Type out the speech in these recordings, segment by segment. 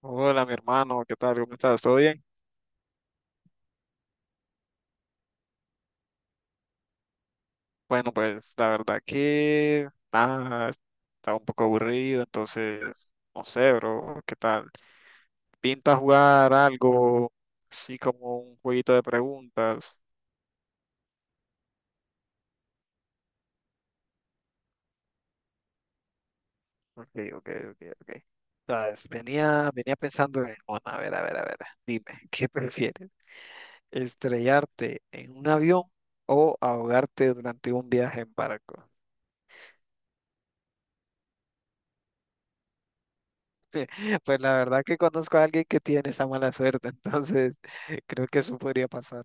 Hola, mi hermano, ¿qué tal? ¿Cómo estás? ¿Todo bien? Bueno, pues la verdad que nada, estaba un poco aburrido, entonces, no sé, bro, ¿qué tal? ¿Pinta jugar algo así como un jueguito de preguntas? Ok, ok, ok, ok. Sabes, venía pensando en, bueno, a ver, a ver, a ver, dime, ¿qué prefieres? ¿Estrellarte en un avión o ahogarte durante un viaje en barco? Pues la verdad que conozco a alguien que tiene esa mala suerte, entonces creo que eso podría pasar.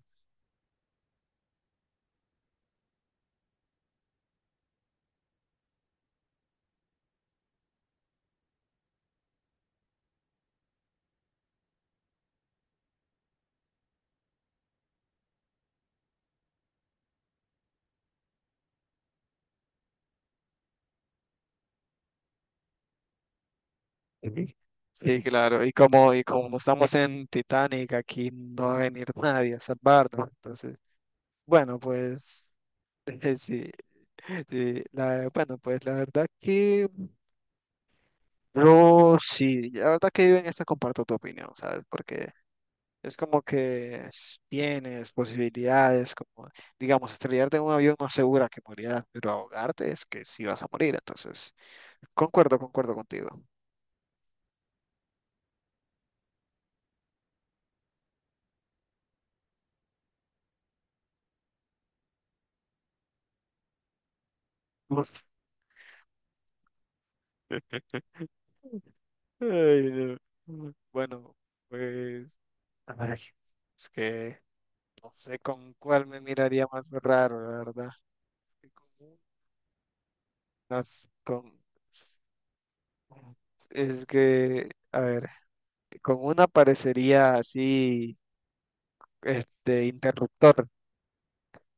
Sí. Sí, claro, y como estamos en Titanic, aquí no va a venir nadie a salvarnos, entonces, bueno, pues sí, sí, bueno, pues la verdad que yo sí, la verdad que yo en esto comparto tu opinión, ¿sabes? Porque es como que tienes posibilidades, como, digamos, estrellarte en un avión no asegura que morirás, pero ahogarte es que sí vas a morir. Entonces, concuerdo contigo. Uf. Ay, no. Bueno, pues, ay, es que no sé con cuál me miraría más raro, la verdad. Con unas- con- es que, a ver, con una parecería así, este, interruptor.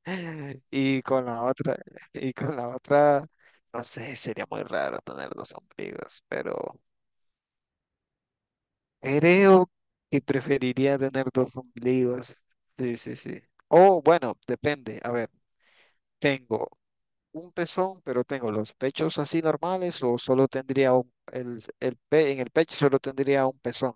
Y con la otra, y con la otra, no sé, sería muy raro tener dos ombligos, pero creo que preferiría tener dos ombligos. Sí, sí, sí. O bueno, depende. A ver, tengo un pezón, pero tengo los pechos así normales, o solo tendría un, en el pecho solo tendría un pezón.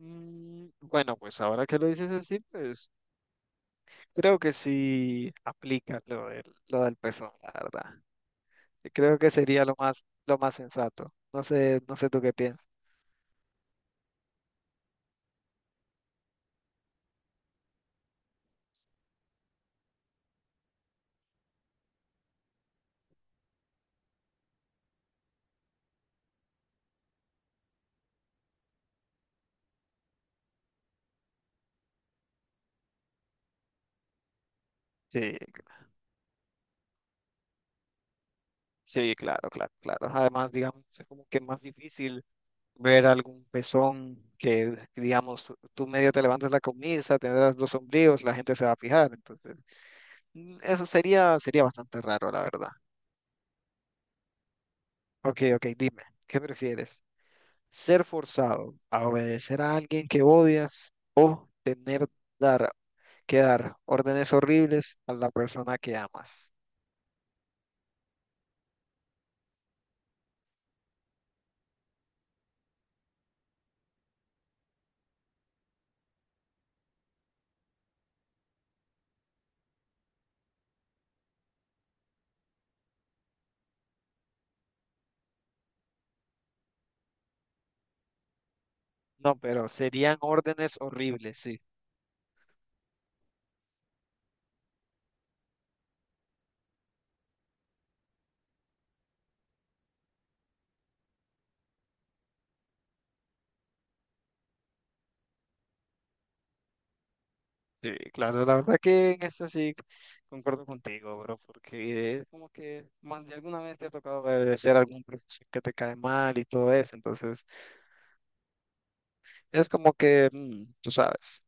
Mm. Bueno, pues ahora que lo dices así, pues creo que sí aplica lo del pezón, la verdad. Creo que sería lo más sensato. No sé, no sé tú qué piensas. Sí, sí, claro, claro, claro. Además, digamos, es como que más difícil ver algún pezón que, digamos, tú medio te levantas la camisa, tendrás dos sombríos, la gente se va a fijar. Entonces, mm, sería bastante raro, la verdad. Ok, ok, dime, ¿qué prefieres? ¿Ser forzado a obedecer a alguien que odias, o tener dar, que dar órdenes horribles a la persona que amas? No, pero serían órdenes horribles, sí. Sí, claro, la verdad que en esto sí concuerdo contigo, bro, porque es como que más de alguna vez te ha tocado agradecer a algún profesor que te cae mal y todo eso, entonces es como que, mm, tú sabes.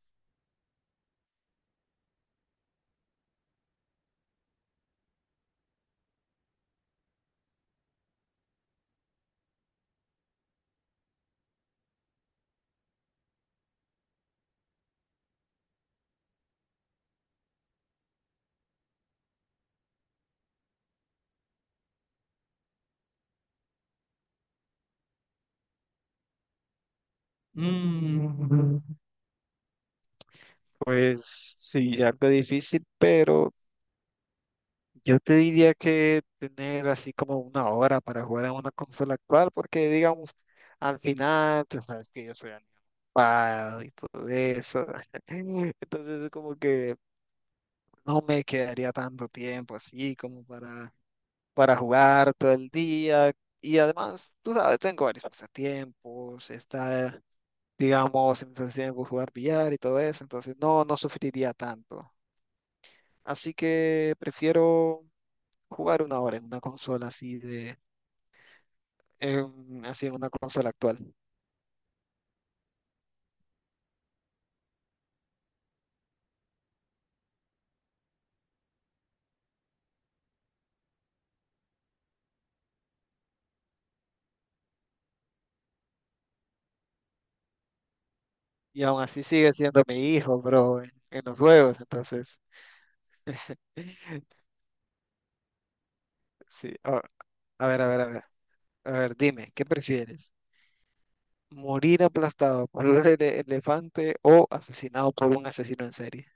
Mm. Pues sí, algo difícil, pero yo te diría que tener así como una hora para jugar en una consola actual, porque digamos, al final, tú sabes que yo soy animado y todo eso. Entonces es como que no me quedaría tanto tiempo así como para jugar todo el día. Y además, tú sabes, tengo varios pasatiempos, está, digamos, en mi pasatiempo jugar billar y todo eso, entonces no, no sufriría tanto. Así que prefiero jugar una hora en una consola así de, así en una consola actual. Y aún así sigue siendo mi hijo, bro, en los juegos, entonces. Sí, a ver, a ver, a ver. A ver, dime, ¿qué prefieres? ¿Morir aplastado por un elefante, o asesinado por un asesino en serie?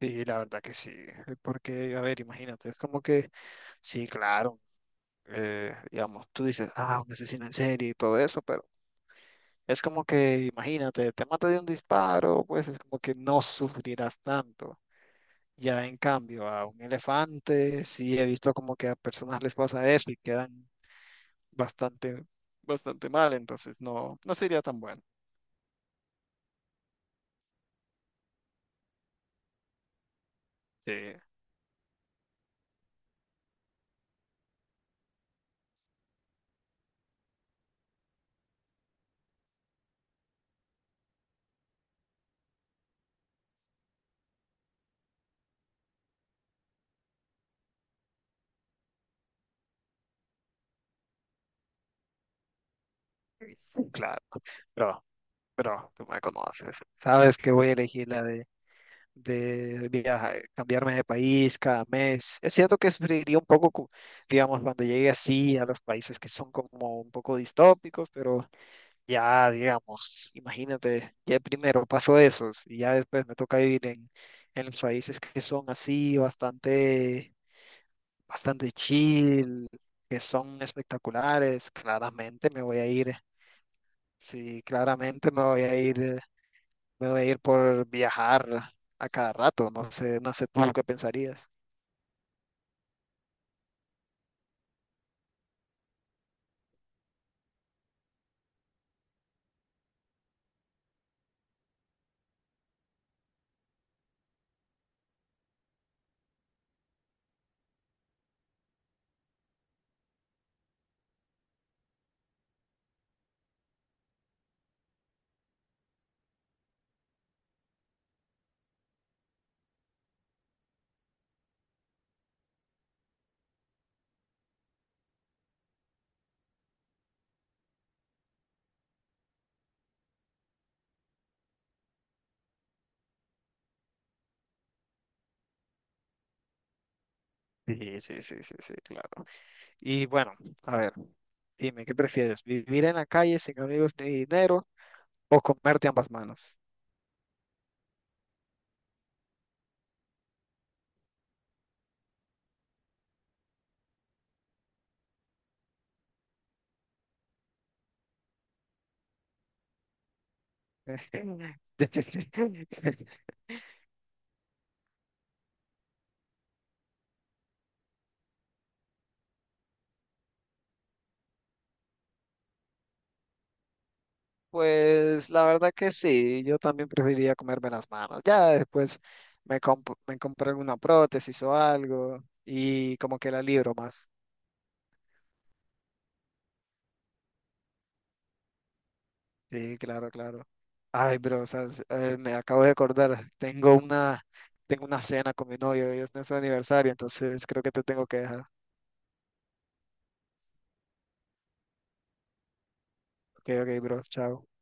Sí, la verdad que sí. Porque, a ver, imagínate, es como que, sí, claro, digamos, tú dices, ah, un asesino en serie y todo eso, pero es como que, imagínate, te mata de un disparo, pues es como que no sufrirás tanto. Ya en cambio, a un elefante, sí he visto como que a personas les pasa eso y quedan bastante, bastante mal, entonces no, no sería tan bueno. Sí. Sí, claro. Pero, pero tú me conoces. Sabes que voy a elegir la de viajar, cambiarme de país cada mes. Es cierto que sufriría un poco, digamos, cuando llegue así a los países que son como un poco distópicos, pero ya, digamos, imagínate, ya primero pasó eso y ya después me toca vivir en los países que son así, bastante, bastante chill, que son espectaculares. Claramente me voy a ir, sí, claramente me voy a ir, me voy a ir por viajar a cada rato. No sé, no sé tú qué pensarías. Sí, sí, sí, sí, sí, claro. Y bueno, a ver, dime, ¿qué prefieres? ¿Vivir en la calle sin amigos ni dinero, o comerte ambas manos? Pues la verdad que sí, yo también preferiría comerme las manos. Ya después me compré una prótesis o algo y como que la libro más. Sí, claro, claro. Ay, bro, ¿sabes? Me acabo de acordar, tengo una cena con mi novio, hoy es nuestro aniversario, entonces creo que te tengo que dejar. Ok, ok, bro, chao.